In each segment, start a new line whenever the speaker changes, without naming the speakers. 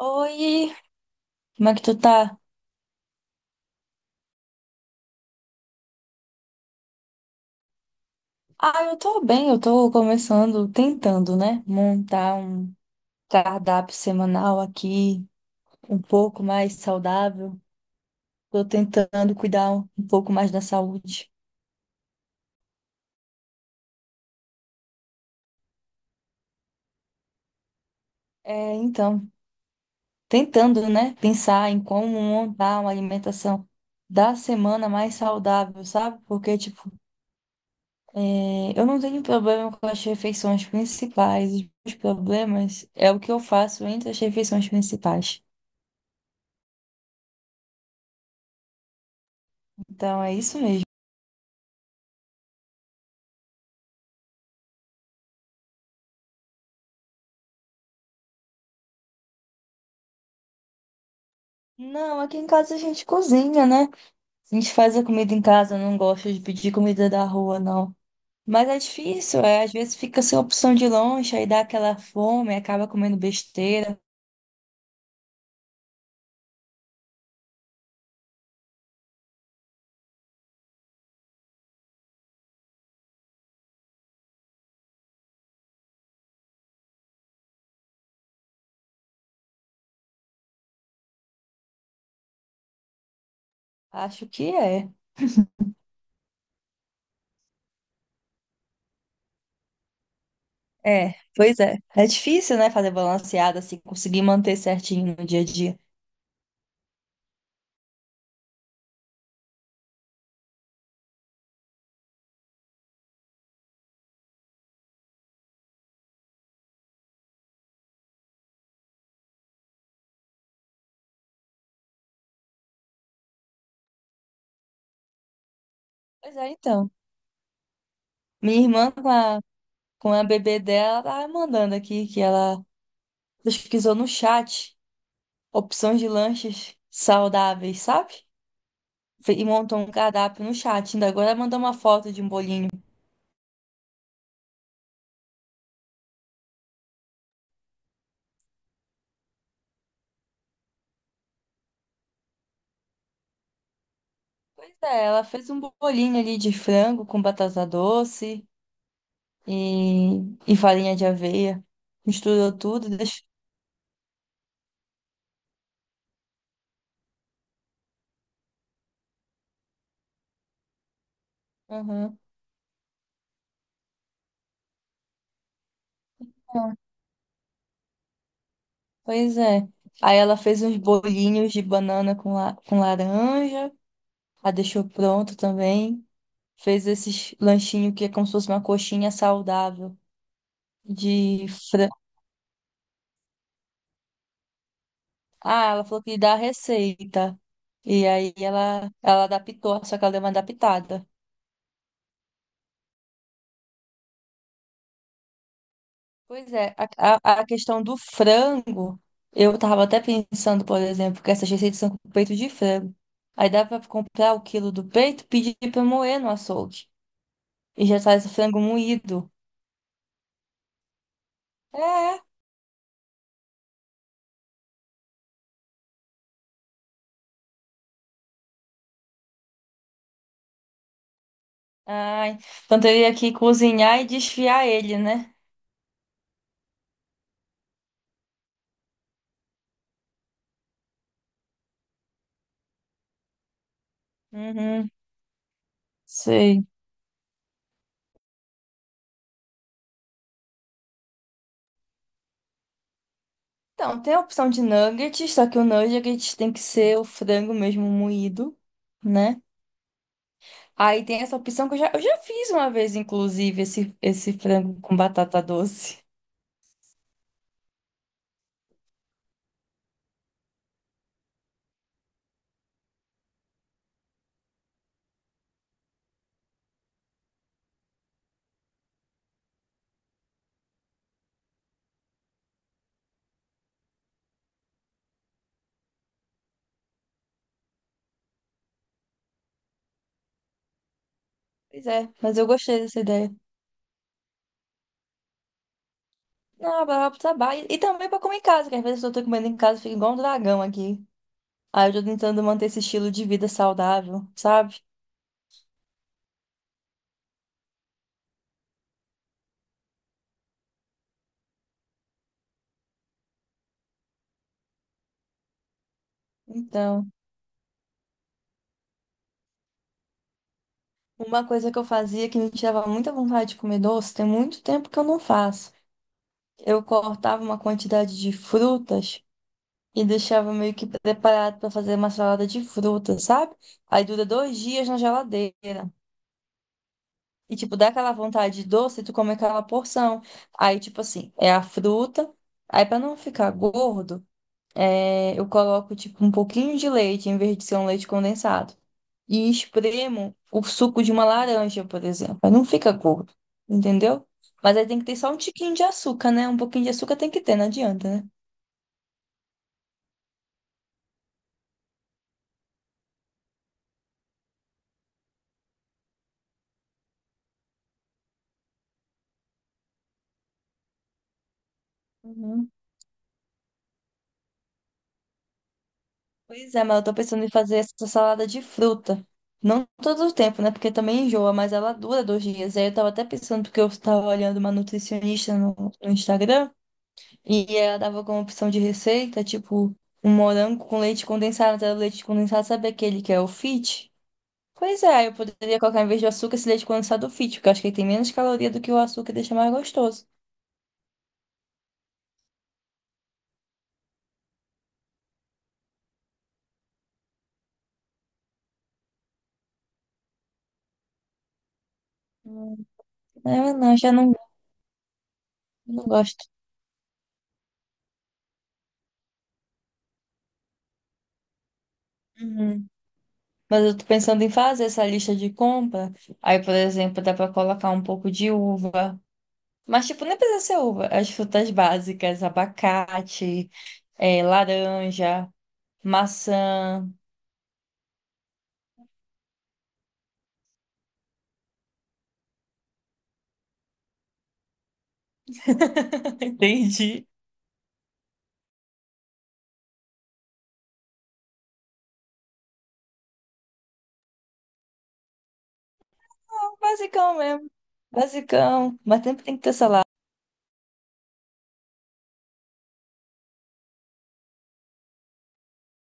Oi, como é que tu tá? Ah, eu tô bem, eu tô começando, tentando, né, montar um cardápio semanal aqui, um pouco mais saudável. Tô tentando cuidar um pouco mais da saúde. É, então, tentando, né, pensar em como montar uma alimentação da semana mais saudável, sabe? Porque, tipo, é, eu não tenho problema com as refeições principais. Os meus problemas é o que eu faço entre as refeições principais. Então, é isso mesmo. Não, aqui em casa a gente cozinha, né? A gente faz a comida em casa, não gosta de pedir comida da rua, não. Mas é difícil, é. Às vezes fica sem opção de lanche, aí dá aquela fome, acaba comendo besteira. Acho que é. É, pois é. É difícil, né, fazer balanceado, assim, conseguir manter certinho no dia a dia. Pois é, então. Minha irmã com a com a bebê dela tá mandando aqui que ela pesquisou no chat opções de lanches saudáveis, sabe? E montou um cardápio no chat. Ainda agora ela mandou uma foto de um bolinho. Pois é, ela fez um bolinho ali de frango com batata doce e, e farinha de aveia. Misturou tudo, deixou. Aham. Ah, pois é. Aí ela fez uns bolinhos de banana com, com laranja, a deixou pronto também. Fez esses lanchinhos que é como se fosse uma coxinha saudável de frango. Ah, ela falou que dá a receita. E aí ela adaptou, só que ela deu uma adaptada. Pois é, a questão do frango, eu tava até pensando, por exemplo, que essas receitas são com peito de frango. Aí dá pra comprar o quilo do peito, pedir pra moer no açougue. E já traz o frango moído. É. Ai, então teria que cozinhar e desfiar ele, né? Uhum, sei. Então, tem a opção de nuggets, só que o nuggets tem que ser o frango mesmo moído, né? Aí tem essa opção que eu já fiz uma vez, inclusive, esse frango com batata doce. Pois é, mas eu gostei dessa ideia. Ah, blá, blá, e também pra comer em casa, que às vezes eu tô comendo em casa, fica igual um dragão aqui. Aí eu tô tentando manter esse estilo de vida saudável, sabe? Então, uma coisa que eu fazia que me tirava muita vontade de comer doce, tem muito tempo que eu não faço. Eu cortava uma quantidade de frutas e deixava meio que preparado para fazer uma salada de frutas, sabe? Aí dura dois dias na geladeira. E, tipo, dá aquela vontade de doce, tu come aquela porção. Aí, tipo assim, é a fruta. Aí, para não ficar gordo, é, eu coloco, tipo, um pouquinho de leite, em vez de ser um leite condensado. E espremo o suco de uma laranja, por exemplo. Aí não fica gordo, entendeu? Mas aí tem que ter só um tiquinho de açúcar, né? Um pouquinho de açúcar tem que ter, não adianta, né? Uhum. Pois é, mas eu tô pensando em fazer essa salada de fruta. Não todo o tempo, né? Porque também enjoa, mas ela dura dois dias. Aí eu tava até pensando, porque eu tava olhando uma nutricionista no Instagram, e ela dava como opção de receita, tipo, um morango com leite condensado. Mas era o leite condensado, sabe aquele que é o Fit? Pois é, aí eu poderia colocar em vez do açúcar esse leite condensado Fit, porque eu acho que ele tem menos caloria do que o açúcar e deixa mais gostoso. Hum. É, não, já não, não gosto. Uhum. Mas eu tô pensando em fazer essa lista de compra. Aí, por exemplo, dá pra colocar um pouco de uva. Mas, tipo, nem precisa ser uva. As frutas básicas, abacate, laranja, maçã. Entendi. Basicão mesmo, basicão. Mas sempre tem que ter salada.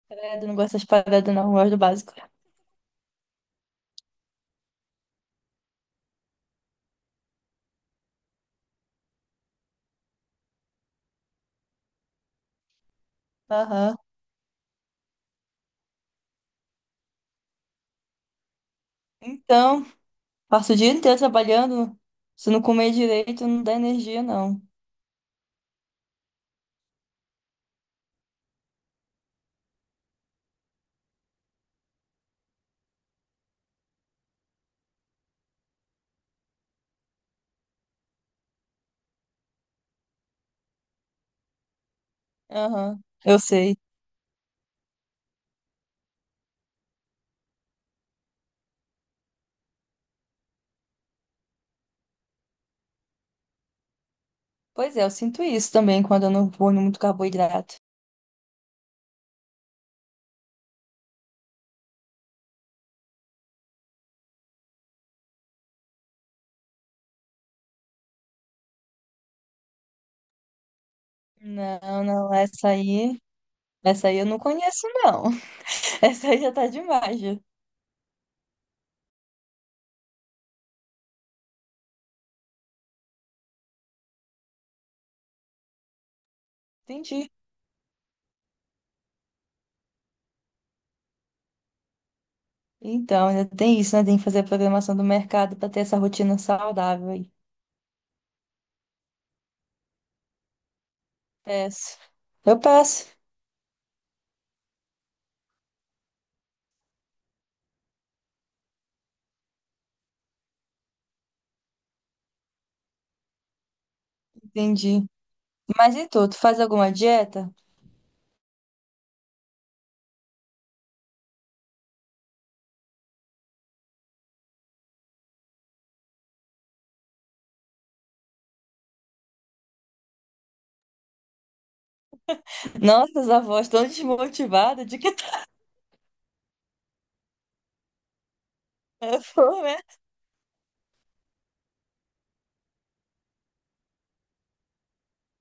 Credo, não gosto das paradas, não. Eu gosto do básico. Aham. Então, passo o dia inteiro trabalhando. Se não comer direito, não dá energia, não. Aham. Eu sei. Pois é, eu sinto isso também quando eu não vou muito carboidrato. Não, não, essa aí eu não conheço, não. Essa aí já tá demais, já. Entendi. Então, ainda tem isso, né? Tem que fazer a programação do mercado pra ter essa rotina saudável aí. Peço. Eu peço. Entendi. Mas e tu, tu faz alguma dieta? Nossa, as avós tão desmotivadas de que tá. Eu vou, né?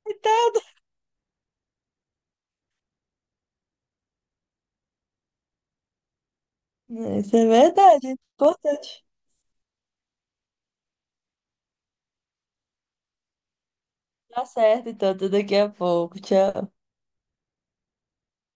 Então, isso é verdade. Importante. Tá certo, então, até daqui a pouco. Tchau.